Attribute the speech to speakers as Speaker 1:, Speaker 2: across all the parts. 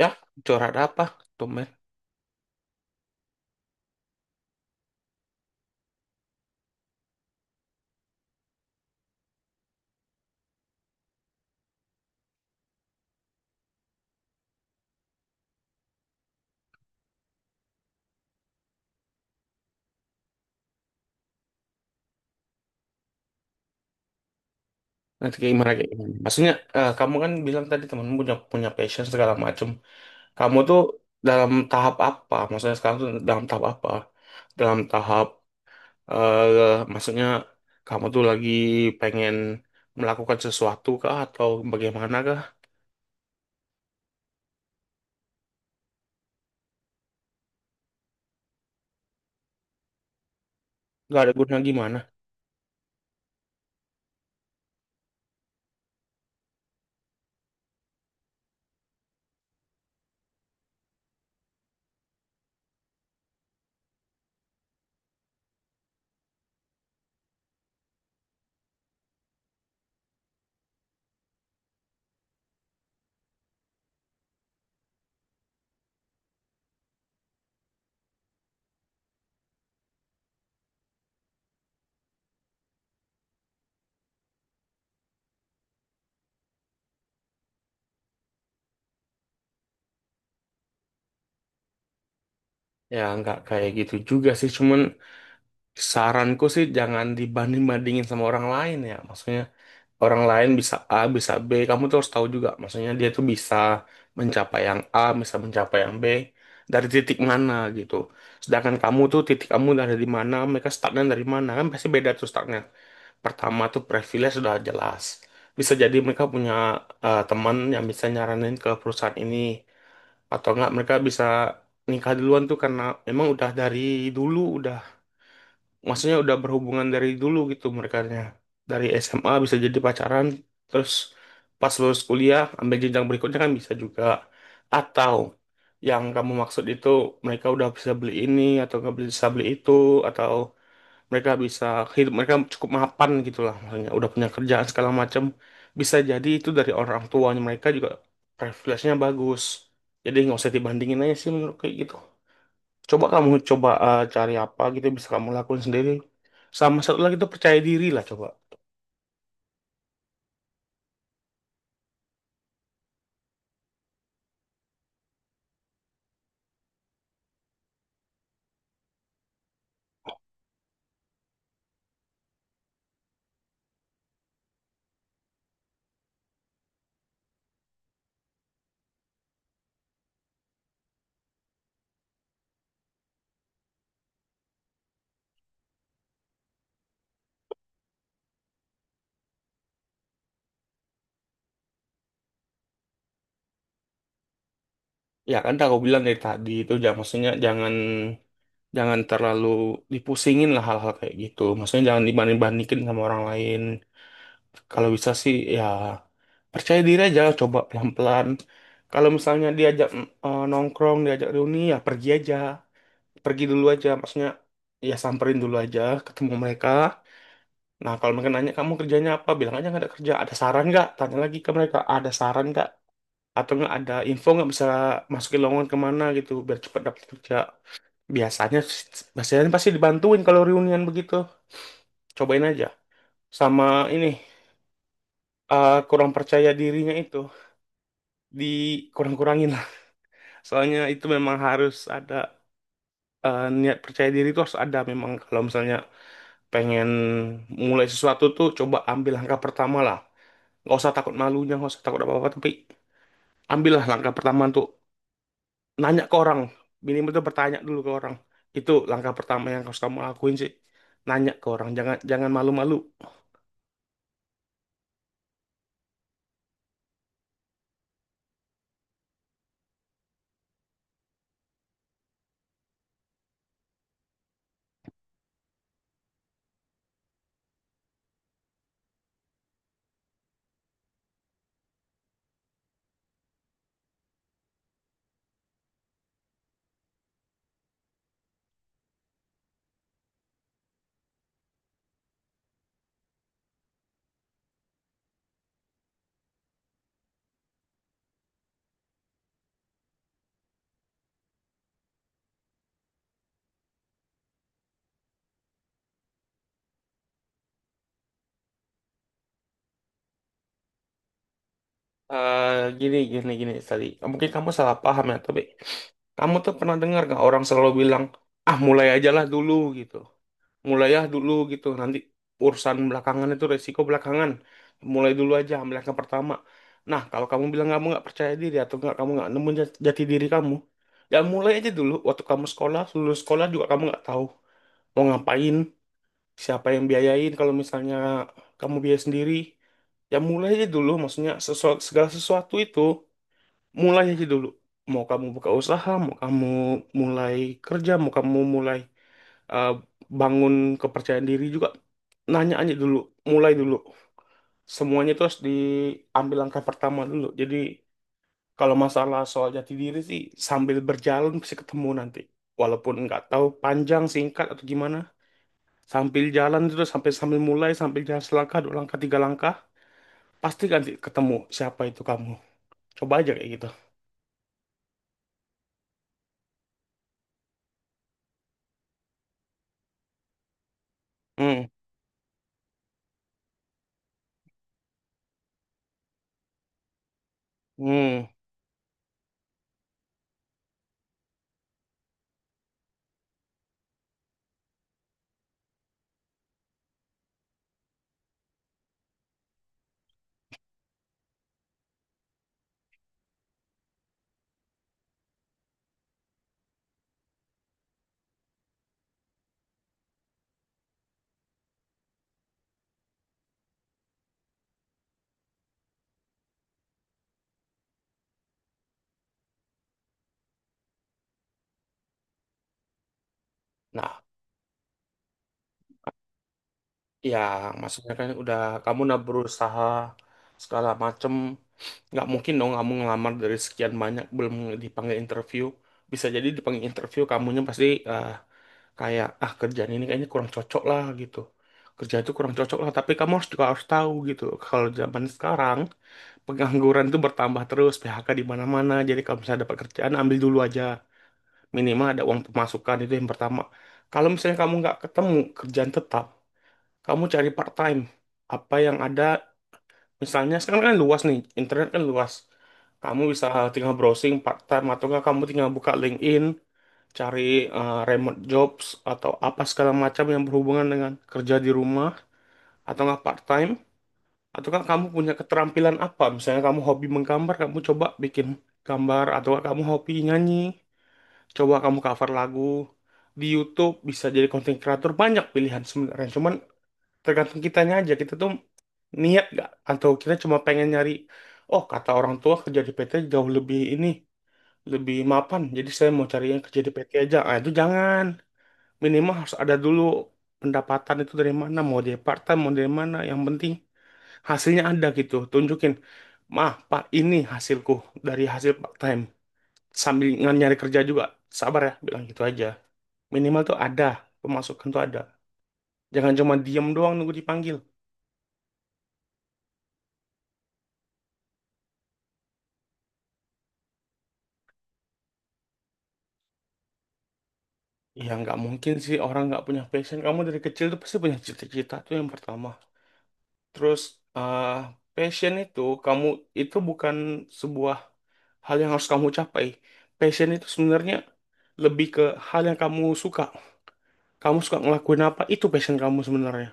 Speaker 1: Ya, curhat apa, tumben? Nanti kayak gimana kayak gimana? Maksudnya, kamu kan bilang tadi temanmu punya punya passion segala macem. Kamu tuh dalam tahap apa? Maksudnya sekarang tuh dalam tahap apa? Dalam tahap, maksudnya kamu tuh lagi pengen melakukan sesuatu kah atau bagaimana kah? Gak ada guna gimana? Ya, nggak kayak gitu juga sih. Cuman saranku sih jangan dibanding-bandingin sama orang lain ya. Maksudnya orang lain bisa A, bisa B, kamu tuh harus tahu juga. Maksudnya dia tuh bisa mencapai yang A, bisa mencapai yang B dari titik mana gitu. Sedangkan kamu tuh titik kamu dari di mana, mereka startnya dari mana, kan pasti beda tuh startnya. Pertama tuh privilege sudah jelas. Bisa jadi mereka punya teman yang bisa nyaranin ke perusahaan ini, atau enggak mereka bisa nikah duluan tuh karena memang udah dari dulu, maksudnya udah berhubungan dari dulu gitu merekanya, dari SMA bisa jadi pacaran, terus pas lulus kuliah ambil jenjang berikutnya kan bisa juga. Atau yang kamu maksud itu mereka udah bisa beli ini atau nggak bisa beli itu, atau mereka bisa hidup, mereka cukup mapan gitulah, maksudnya udah punya kerjaan segala macam. Bisa jadi itu dari orang tuanya mereka juga, privilege-nya bagus. Jadi nggak usah dibandingin aja sih menurut kayak gitu. Coba kamu coba cari apa gitu yang bisa kamu lakuin sendiri. Sama satu lagi itu, percaya diri lah coba. Ya kan aku bilang dari tadi itu jangan, maksudnya jangan, terlalu dipusingin lah hal-hal kayak gitu. Maksudnya jangan dibanding-bandingin sama orang lain. Kalau bisa sih ya percaya diri aja, coba pelan-pelan. Kalau misalnya diajak nongkrong, diajak reuni, ya pergi aja. Pergi dulu aja, maksudnya ya samperin dulu aja, ketemu mereka. Nah, kalau mereka nanya kamu kerjanya apa, bilang aja nggak ada kerja. Ada saran nggak? Tanya lagi ke mereka, ada saran nggak? Atau nggak ada info nggak, bisa masukin lowongan kemana gitu, biar cepat dapat kerja. Biasanya, biasanya pasti dibantuin kalau reunian begitu. Cobain aja. Sama ini, kurang percaya dirinya itu, dikurang-kurangin lah. Soalnya itu memang harus ada niat percaya diri itu harus ada. Memang kalau misalnya pengen mulai sesuatu tuh, coba ambil langkah pertama lah. Nggak usah takut malunya, nggak usah takut apa apa, tapi ambillah langkah pertama untuk nanya ke orang. Minimal tuh bertanya dulu ke orang, itu langkah pertama yang harus kamu lakuin sih, nanya ke orang, jangan jangan malu-malu. Eh, gini, gini, gini, tadi. Mungkin kamu salah paham ya, tapi kamu tuh pernah dengar gak orang selalu bilang, ah mulai aja lah dulu gitu. Mulai ya dulu gitu, nanti urusan belakangan itu resiko belakangan. Mulai dulu aja, ambil yang pertama. Nah, kalau kamu bilang kamu nggak percaya diri atau nggak, kamu nggak nemu jati diri kamu, ya mulai aja dulu. Waktu kamu sekolah, lulus sekolah juga kamu nggak tahu mau ngapain, siapa yang biayain, kalau misalnya kamu biaya sendiri ya mulai aja dulu. Maksudnya segala sesuatu itu mulai aja dulu. Mau kamu buka usaha, mau kamu mulai kerja, mau kamu mulai eh, bangun kepercayaan diri juga, nanya aja dulu, mulai dulu. Semuanya itu harus diambil langkah pertama dulu. Jadi kalau masalah soal jati diri sih, sambil berjalan pasti ketemu nanti, walaupun nggak tahu panjang singkat atau gimana. Sambil jalan terus, sampai sambil mulai, sambil jalan selangkah, dua langkah, tiga langkah, pasti nanti ketemu siapa itu kamu. Coba aja kayak gitu. Hmm, hmm. Nah, ya maksudnya kan udah, kamu udah berusaha segala macem. Nggak mungkin dong kamu ngelamar dari sekian banyak belum dipanggil interview. Bisa jadi dipanggil interview, kamunya pasti kayak ah kerjaan ini kayaknya kurang cocok lah gitu, kerja itu kurang cocok lah. Tapi kamu harus juga harus tahu gitu, kalau zaman sekarang pengangguran itu bertambah terus, PHK di mana-mana. Jadi kalau misalnya dapat kerjaan, ambil dulu aja. Minimal ada uang pemasukan, itu yang pertama. Kalau misalnya kamu nggak ketemu kerjaan tetap, kamu cari part time. Apa yang ada, misalnya sekarang kan luas nih, internet kan luas. Kamu bisa tinggal browsing part time, atau nggak kamu tinggal buka LinkedIn, cari remote jobs atau apa segala macam yang berhubungan dengan kerja di rumah, atau nggak part time. Atau kan kamu punya keterampilan apa? Misalnya kamu hobi menggambar, kamu coba bikin gambar. Atau nggak kamu hobi nyanyi, coba kamu cover lagu. Di YouTube bisa jadi content creator, banyak pilihan sebenarnya. Cuman tergantung kitanya aja. Kita tuh niat nggak? Atau kita cuma pengen nyari, oh kata orang tua kerja di PT jauh lebih ini, lebih mapan. Jadi saya mau cari yang kerja di PT aja. Ah itu jangan. Minimal harus ada dulu pendapatan itu dari mana. Mau dari part-time, mau dari mana. Yang penting hasilnya ada gitu, tunjukin mah pak ini hasilku, dari hasil part time, sambil nggak nyari kerja juga sabar ya, bilang gitu aja. Minimal tuh ada pemasukan tuh ada, jangan cuma diem doang nunggu dipanggil. Ya nggak mungkin sih orang nggak punya passion. Kamu dari kecil tuh pasti punya cita-cita tuh yang pertama. Terus eh passion itu, kamu itu bukan sebuah hal yang harus kamu capai. Passion itu sebenarnya lebih ke hal yang kamu suka. Kamu suka ngelakuin apa, itu passion kamu sebenarnya.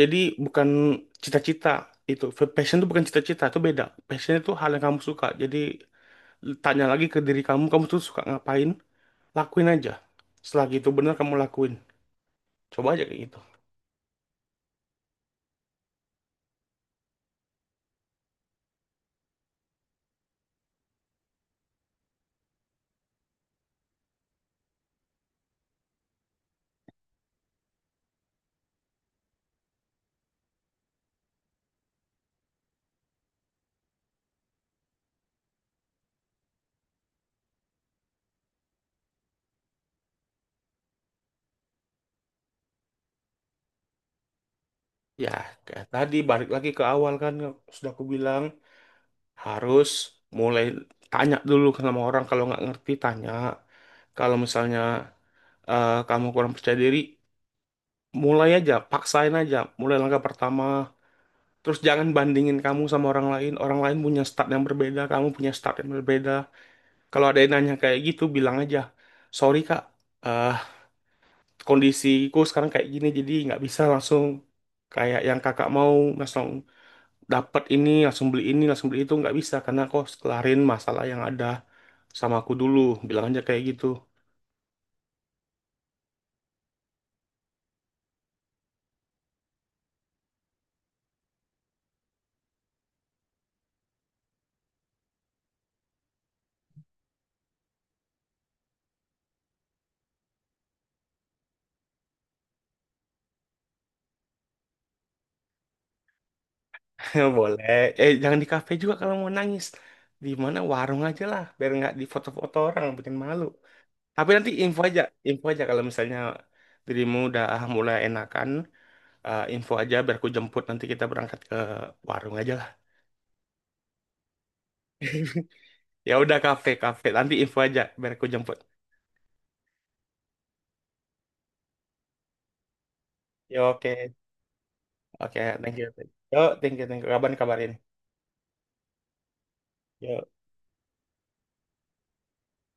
Speaker 1: Jadi bukan cita-cita itu. Passion itu bukan cita-cita, itu beda. Passion itu hal yang kamu suka. Jadi tanya lagi ke diri kamu, kamu tuh suka ngapain? Lakuin aja. Setelah itu benar kamu lakuin. Coba aja kayak gitu. Ya, kayak tadi balik lagi ke awal kan sudah aku bilang harus mulai, tanya dulu sama orang, kalau nggak ngerti tanya. Kalau misalnya kamu kurang percaya diri, mulai aja, paksain aja. Mulai langkah pertama. Terus jangan bandingin kamu sama orang lain. Orang lain punya start yang berbeda, kamu punya start yang berbeda. Kalau ada yang nanya kayak gitu, bilang aja, sorry kak, eh kondisiku sekarang kayak gini, jadi nggak bisa langsung kayak yang kakak mau, langsung dapat ini, langsung beli itu nggak bisa karena aku harus kelarin masalah yang ada sama aku dulu. Bilang aja kayak gitu. Boleh. Eh jangan di kafe juga kalau mau nangis. Di mana warung aja lah, biar nggak di foto-foto orang bikin malu. Tapi nanti info aja kalau misalnya dirimu udah mulai enakan, info aja biar aku jemput, nanti kita berangkat ke warung aja lah. Ya udah kafe kafe, nanti info aja biar aku jemput. Ya oke. Oke, thank you. Yo, thank you, thank you. Kabarin kabarin. Yo.